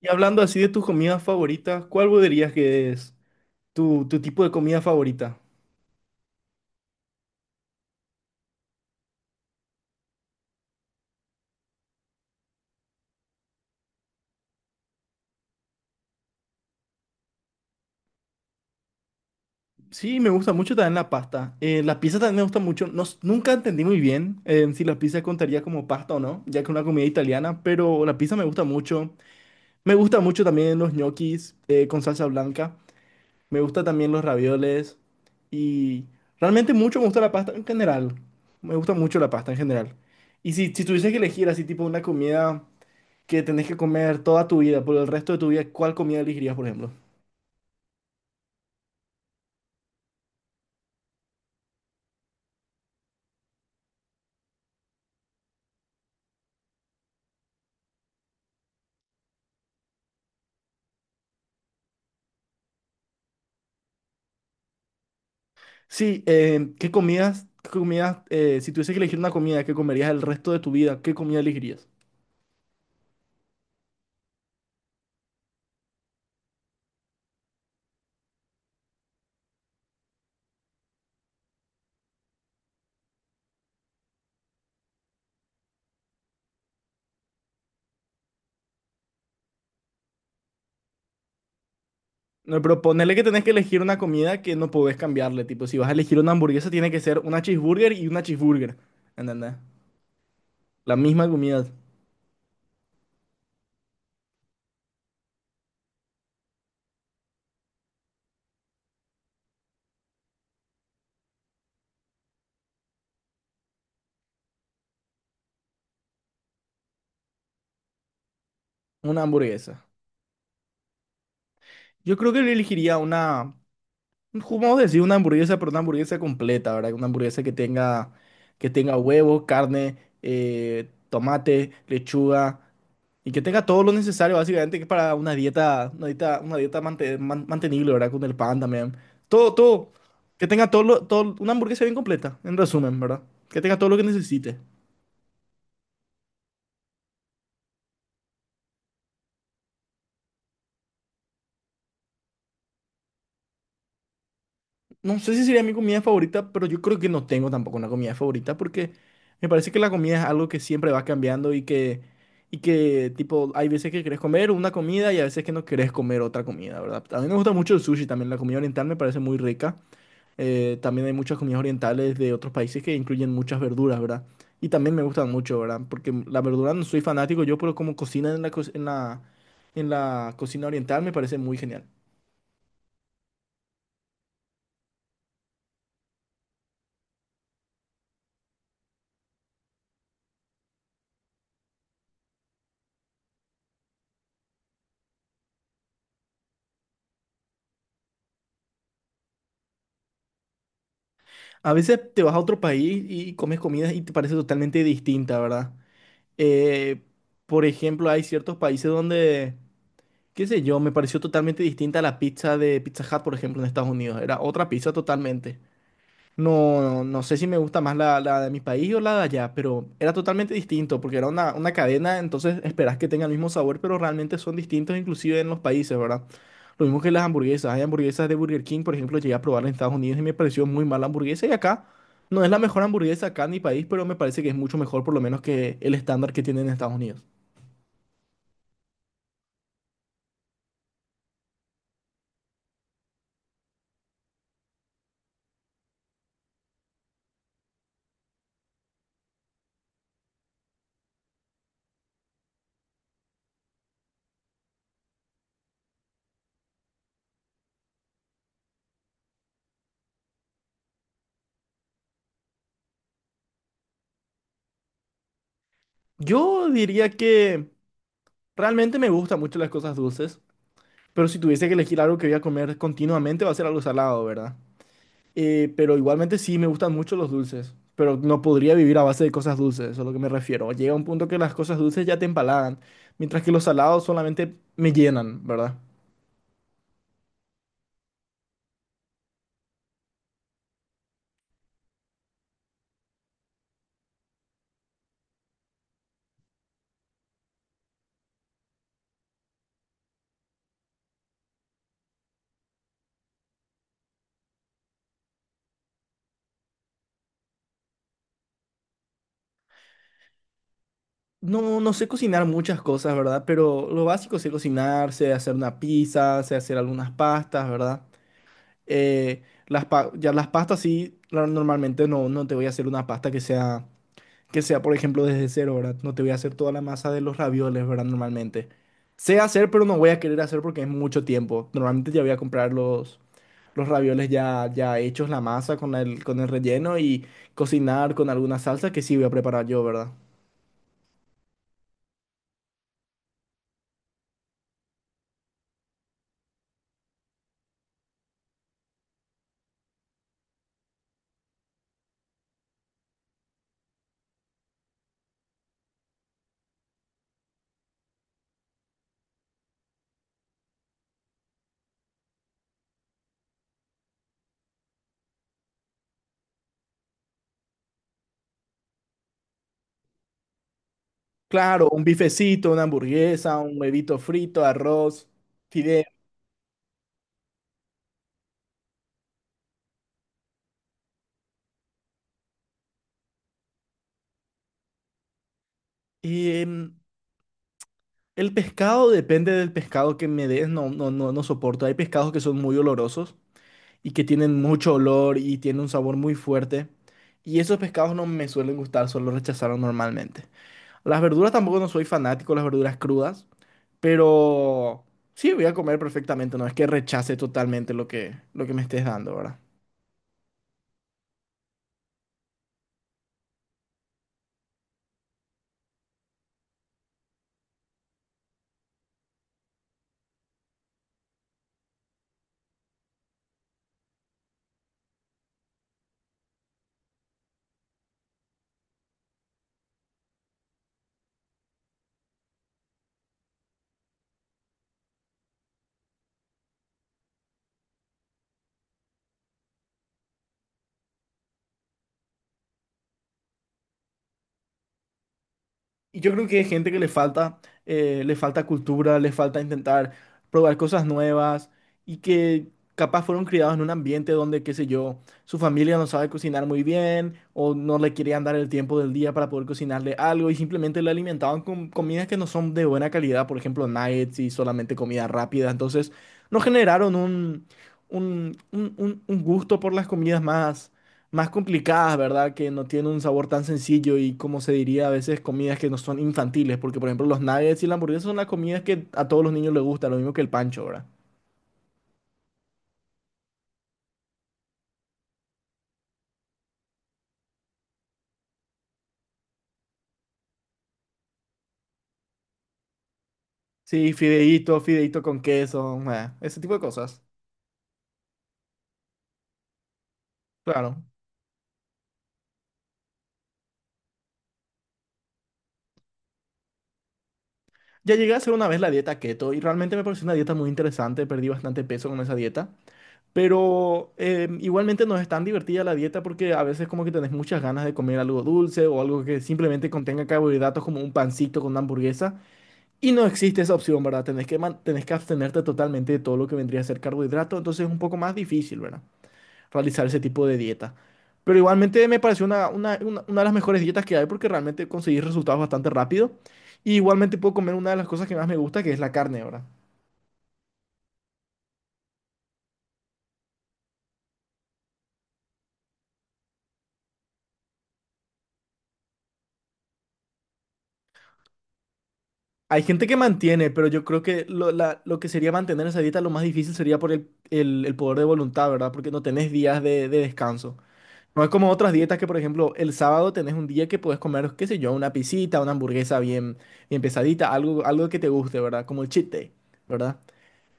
Y hablando así de tus comidas favoritas, ¿cuál vos dirías que es tu tipo de comida favorita? Sí, me gusta mucho también la pasta. La pizza también me gusta mucho. Nunca entendí muy bien, si la pizza contaría como pasta o no, ya que es una comida italiana, pero la pizza me gusta mucho. Me gusta mucho también los ñoquis con salsa blanca. Me gusta también los ravioles. Y Realmente mucho me gusta la pasta en general. Me gusta mucho la pasta en general. Y si tuviese que elegir así tipo una comida que tenés que comer toda tu vida, por el resto de tu vida, ¿cuál comida elegirías, por ejemplo? Sí, qué comidas, si tuviese que elegir una comida que comerías el resto de tu vida, qué comida elegirías? No, pero ponele que tenés que elegir una comida que no podés cambiarle, tipo, si vas a elegir una hamburguesa, tiene que ser una cheeseburger y una cheeseburger, ¿entendés? La misma comida, una hamburguesa. Yo creo que le elegiría una, vamos a decir una hamburguesa, pero una hamburguesa completa, ¿verdad? Una hamburguesa que tenga huevo, carne, tomate, lechuga y que tenga todo lo necesario, básicamente, que para una dieta, una dieta mantenible, ¿verdad? Con el pan también. Todo, todo. Que tenga todo, una hamburguesa bien completa, en resumen, ¿verdad? Que tenga todo lo que necesite. No sé si sería mi comida favorita, pero yo creo que no tengo tampoco una comida favorita porque me parece que la comida es algo que siempre va cambiando y que tipo, hay veces que querés comer una comida y a veces que no querés comer otra comida, ¿verdad? A mí me gusta mucho el sushi también, la comida oriental me parece muy rica. También hay muchas comidas orientales de otros países que incluyen muchas verduras, ¿verdad? Y también me gustan mucho, ¿verdad? Porque la verdura no soy fanático yo, pero como cocinan en la, en la cocina oriental me parece muy genial. A veces te vas a otro país y comes comidas y te parece totalmente distinta, ¿verdad? Eh, por ejemplo, hay ciertos países donde, qué sé yo, me pareció totalmente distinta la pizza de Pizza Hut, por ejemplo, en Estados Unidos. Era otra pizza totalmente. No, no, no sé si me gusta más la de mi país o la de allá, pero era totalmente distinto porque era una cadena, entonces esperás que tenga el mismo sabor, pero realmente son distintos inclusive en los países, ¿verdad? Lo mismo que las hamburguesas. Hay hamburguesas de Burger King, por ejemplo, llegué a probar en Estados Unidos y me pareció muy mala hamburguesa y acá no es la mejor hamburguesa acá en mi país, pero me parece que es mucho mejor por lo menos que el estándar que tienen en Estados Unidos. Yo diría que realmente me gustan mucho las cosas dulces, pero si tuviese que elegir algo que voy a comer continuamente va a ser algo salado, ¿verdad? Pero igualmente sí, me gustan mucho los dulces, pero no podría vivir a base de cosas dulces, eso es a lo que me refiero. Llega un punto que las cosas dulces ya te empalagan, mientras que los salados solamente me llenan, ¿verdad? No, no sé cocinar muchas cosas, ¿verdad? Pero lo básico sé cocinar, sé hacer una pizza, sé hacer algunas pastas, ¿verdad? Eh, las ya las pastas sí, normalmente no, no te voy a hacer una pasta que sea, que sea, por ejemplo, desde cero, ¿verdad? No te voy a hacer toda la masa de los ravioles, ¿verdad? Normalmente. Sé hacer, pero no voy a querer hacer porque es mucho tiempo. Normalmente ya voy a comprar los ravioles ya, ya hechos, la masa con el relleno y cocinar con alguna salsa que sí voy a preparar yo, ¿verdad? Claro, un bifecito, una hamburguesa, un huevito frito, arroz, fideo. Y el pescado depende del pescado que me des, no, no, no, no soporto. Hay pescados que son muy olorosos y que tienen mucho olor y tienen un sabor muy fuerte. Y esos pescados no me suelen gustar, solo rechazaron normalmente. Las verduras tampoco no soy fanático, de las verduras crudas, pero sí voy a comer perfectamente, no es que rechace totalmente lo que me estés dando, ¿verdad? Y yo creo que hay gente que le falta, le falta cultura, le falta intentar probar cosas nuevas y que capaz fueron criados en un ambiente donde, qué sé yo, su familia no sabe cocinar muy bien o no le querían dar el tiempo del día para poder cocinarle algo y simplemente le alimentaban con comidas que no son de buena calidad, por ejemplo, nuggets y solamente comida rápida. Entonces, no generaron un gusto por las comidas más, más complicadas, ¿verdad? Que no tienen un sabor tan sencillo y como se diría a veces comidas que no son infantiles, porque por ejemplo los nuggets y la hamburguesa son las comidas que a todos los niños les gusta, lo mismo que el pancho, ¿verdad? Sí, fideíto, fideíto con queso, ese tipo de cosas. Claro. Ya llegué a hacer una vez la dieta keto y realmente me pareció una dieta muy interesante, perdí bastante peso con esa dieta, pero igualmente no es tan divertida la dieta porque a veces como que tenés muchas ganas de comer algo dulce o algo que simplemente contenga carbohidratos como un pancito con una hamburguesa. Y no existe esa opción, ¿verdad? Tenés que abstenerte totalmente de todo lo que vendría a ser carbohidrato, entonces es un poco más difícil, ¿verdad? Realizar ese tipo de dieta. Pero igualmente me pareció una de las mejores dietas que hay porque realmente conseguí resultados bastante rápido. Y igualmente puedo comer una de las cosas que más me gusta, que es la carne, ¿verdad? Hay gente que mantiene, pero yo creo que lo que sería mantener esa dieta, lo más difícil sería por el poder de voluntad, ¿verdad? Porque no tenés días de descanso. No es como otras dietas que, por ejemplo, el sábado tenés un día que puedes comer, qué sé yo, una pisita, una hamburguesa bien, bien pesadita, algo, algo que te guste, ¿verdad? Como el cheat day, ¿verdad?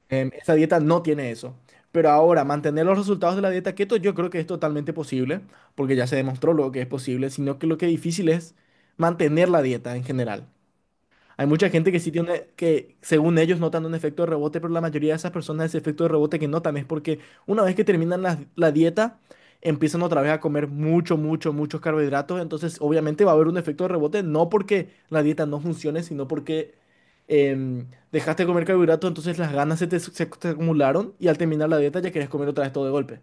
Em, esa dieta no tiene eso. Pero ahora, mantener los resultados de la dieta keto, yo creo que es totalmente posible, porque ya se demostró lo que es posible, sino que lo que es difícil es mantener la dieta en general. Hay mucha gente que sí tiene, que según ellos notan un efecto de rebote, pero la mayoría de esas personas ese efecto de rebote que notan es porque una vez que terminan la dieta, empiezan otra vez a comer mucho, mucho, muchos carbohidratos. Entonces, obviamente va a haber un efecto de rebote, no porque la dieta no funcione, sino porque dejaste de comer carbohidratos, entonces las ganas se te acumularon y al terminar la dieta ya querías comer otra vez todo de golpe.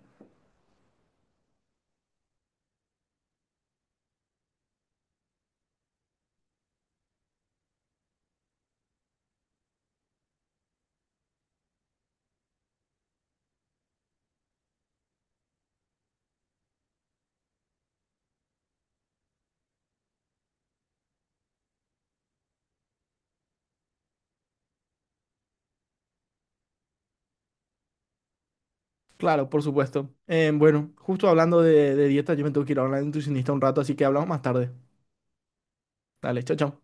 Claro, por supuesto. Em, bueno, justo hablando de dieta, yo me tengo que ir a hablar de nutricionista un rato, así que hablamos más tarde. Dale, chao, chao.